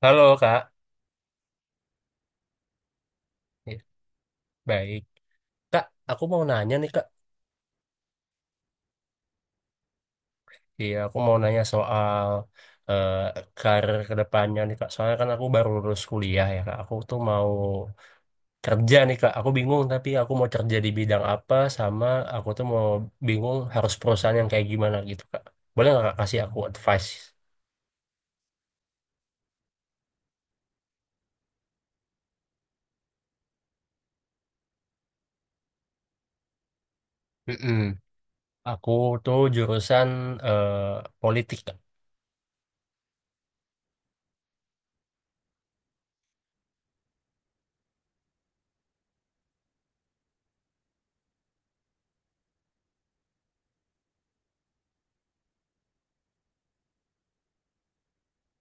Halo Kak. Ya, baik. Kak, aku mau nanya nih Kak. Iya, aku mau nanya soal eh, karir ke depannya nih Kak. Soalnya kan aku baru lulus kuliah ya Kak. Aku tuh mau kerja nih Kak. Aku bingung, tapi aku mau kerja di bidang apa, sama aku tuh mau bingung harus perusahaan yang kayak gimana gitu Kak. Boleh nggak Kak kasih aku advice? Mm-mm. Aku tuh jurusan eh, politik Kak.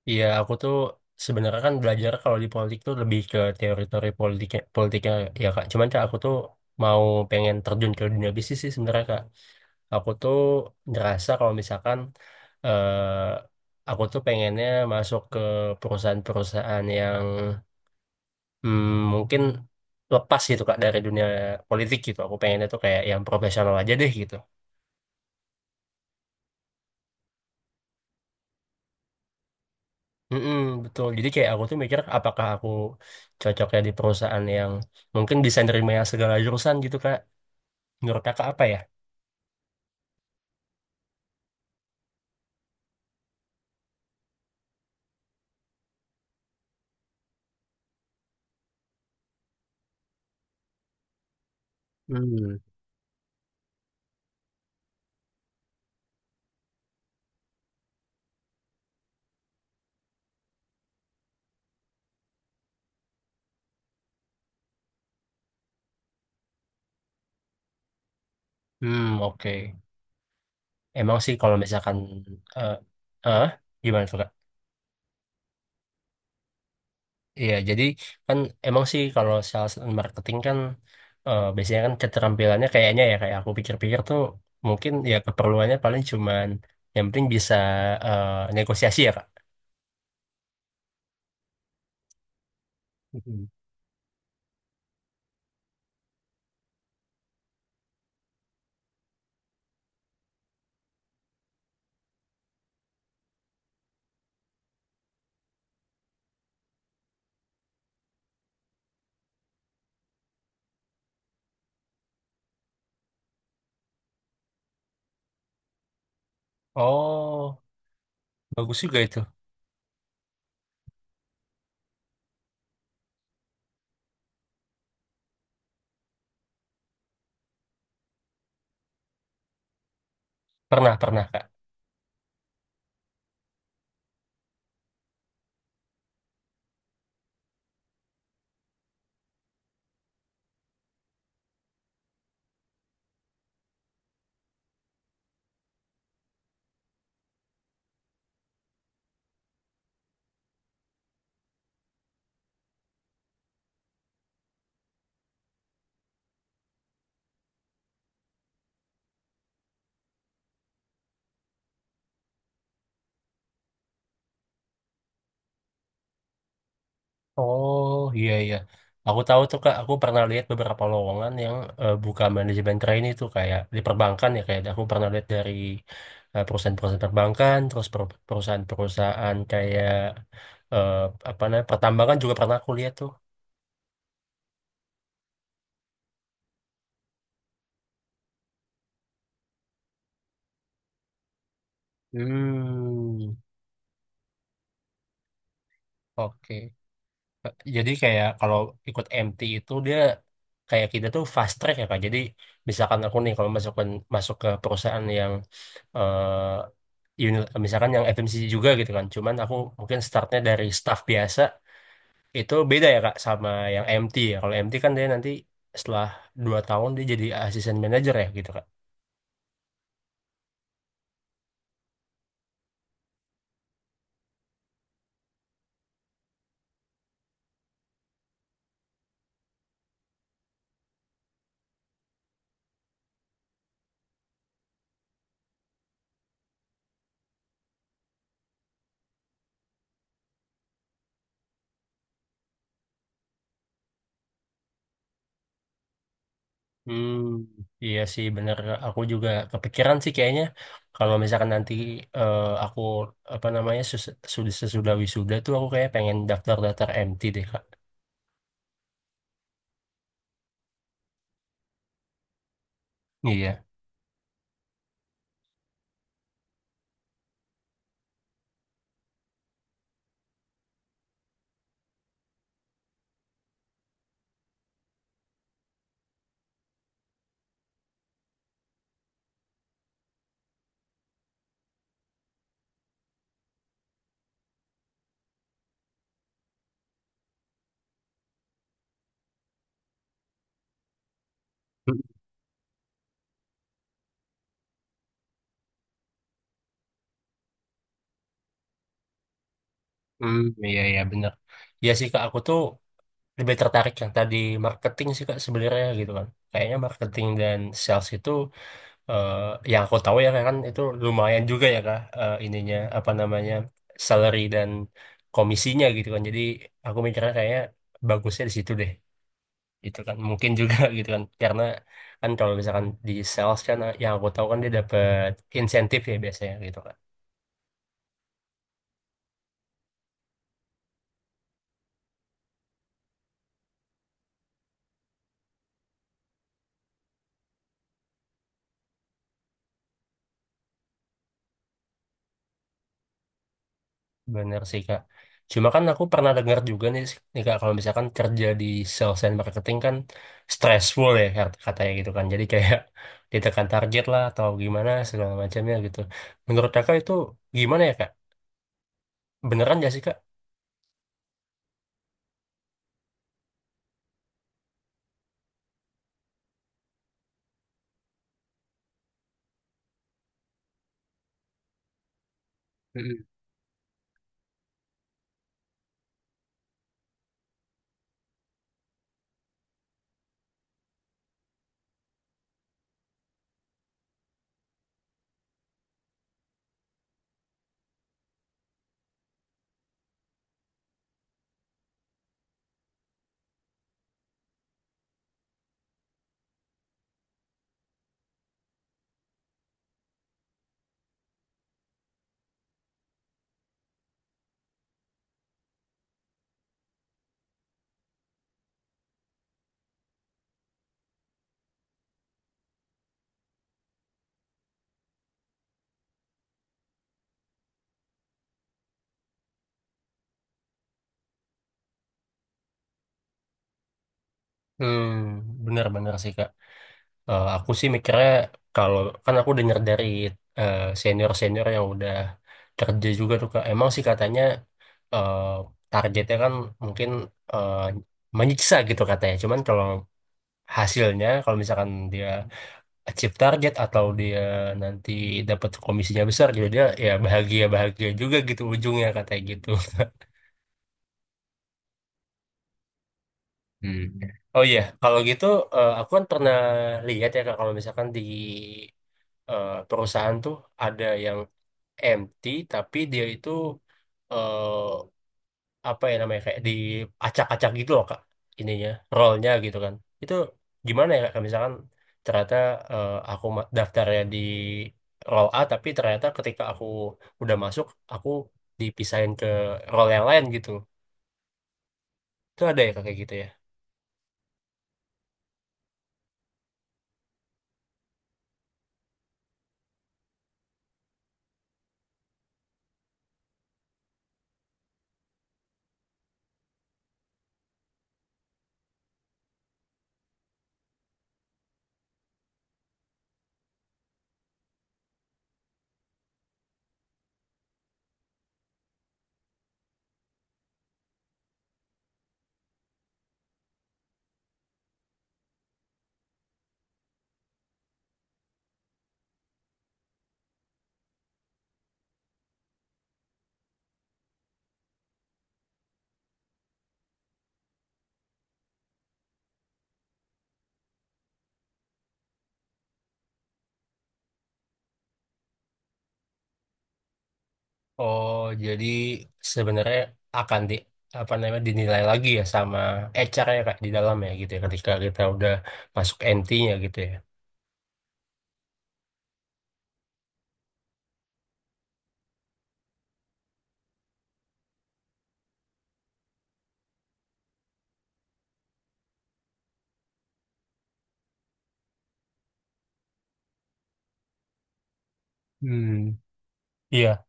Iya, aku tuh sebenarnya kan belajar kalau di politik tuh lebih ke teori-teori politiknya, politiknya, ya ya, Kak. Cuman Kak, aku tuh mau pengen terjun ke dunia bisnis sih sebenarnya Kak. Aku tuh ngerasa kalau misalkan eh aku tuh pengennya masuk ke perusahaan-perusahaan yang hmm, mungkin lepas gitu Kak dari dunia politik gitu. Aku pengennya tuh kayak yang profesional aja deh gitu. Mm-mm, betul. Jadi kayak aku tuh mikir apakah aku cocoknya di perusahaan yang mungkin bisa nerima yang segala jurusan gitu Kak. Menurut Kakak apa ya? Hmm. Hmm, oke. Emang sih kalau misalkan eh eh, gimana tuh Kak? Iya, jadi kan emang sih kalau sales and marketing kan biasanya kan keterampilannya kayaknya ya, kayak aku pikir-pikir tuh mungkin ya keperluannya paling cuman yang penting bisa eh, negosiasi ya Kak. Mhm. Oh, bagus juga itu. Pernah, pernah Kak. Oh, iya iya, aku tahu tuh Kak. Aku pernah lihat beberapa lowongan yang buka manajemen trainee itu kayak di perbankan ya kayak. Aku pernah lihat dari perusahaan-perusahaan perbankan, terus perusahaan-perusahaan kayak eh, apa namanya pertambangan juga pernah aku lihat tuh. Hmm, oke. Jadi kayak kalau ikut MT itu dia kayak kita tuh fast track ya Kak. Jadi misalkan aku nih kalau masuk ke perusahaan yang misalkan yang FMCG juga gitu kan. Cuman aku mungkin startnya dari staff biasa, itu beda ya Kak sama yang MT ya. Kalau MT kan dia nanti setelah 2 tahun dia jadi asisten manajer ya gitu Kak. Hmm, iya sih bener. Aku juga kepikiran sih kayaknya kalau misalkan nanti aku apa namanya sus- sudah sesudah wisuda tuh aku kayak pengen daftar-daftar MT deh Kak. Iya. Hmm, iya iya bener. Iya sih Kak, aku tuh lebih tertarik yang tadi marketing sih Kak sebenarnya gitu kan. Kayaknya marketing dan sales itu eh yang aku tahu ya kan, itu lumayan juga ya Kak, ininya apa namanya, salary dan komisinya gitu kan. Jadi aku mikirnya kayaknya bagusnya di situ deh gitu kan, mungkin juga gitu kan, karena kan kalau misalkan di sales kan, yang aku tahu kan, dia dapat insentif ya biasanya gitu kan. Bener sih Kak. Cuma kan aku pernah dengar juga nih Kak, kalau misalkan kerja di sales and marketing kan stressful ya katanya gitu kan. Jadi kayak ditekan target lah atau gimana segala macamnya gitu. Menurut Kakak itu gimana ya Kak? Beneran gak sih Kak? Mm-mm. Hmm, bener-bener sih Kak. Aku sih mikirnya kalau, kan aku dengar dari senior-senior yang udah kerja juga tuh Kak. Emang sih katanya eh, targetnya kan mungkin eh, menyiksa gitu katanya. Cuman kalau hasilnya, kalau misalkan dia achieve target atau dia nanti dapat komisinya besar gitu, dia ya bahagia-bahagia juga gitu ujungnya katanya gitu. Hmm. Oh iya, kalau gitu aku kan pernah lihat ya Kak, kalau misalkan di perusahaan tuh ada yang empty tapi dia itu eh apa ya namanya, kayak diacak-acak gitu loh Kak, ininya rollnya gitu kan. Itu gimana ya Kak, misalkan ternyata aku daftarnya di roll A tapi ternyata ketika aku udah masuk, aku dipisahin ke roll yang lain gitu, itu ada ya Kak kayak gitu ya? Oh, jadi sebenarnya akan di apa namanya, dinilai lagi ya sama HR-nya Kak di dalam ya gitu ya, ketika kita udah masuk MT-nya gitu ya. Hmm. Iya.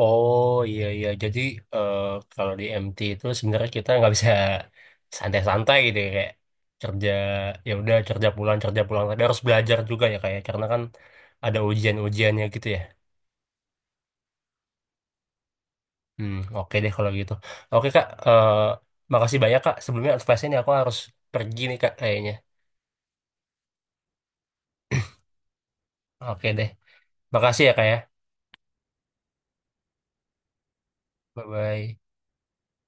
Oh iya iya. Jadi eh, kalau di MT itu sebenarnya kita nggak bisa santai-santai gitu ya. Kayak kerja, ya udah, kerja pulang kerja pulang. Tapi harus belajar juga ya kayak, karena kan ada ujian-ujiannya gitu ya. Hmm, oke deh kalau gitu. Oke Kak. Makasih banyak Kak. Sebelumnya advice ini, aku harus pergi nih Kak kayaknya. Oke deh. Makasih ya Kak ya. Bye bye.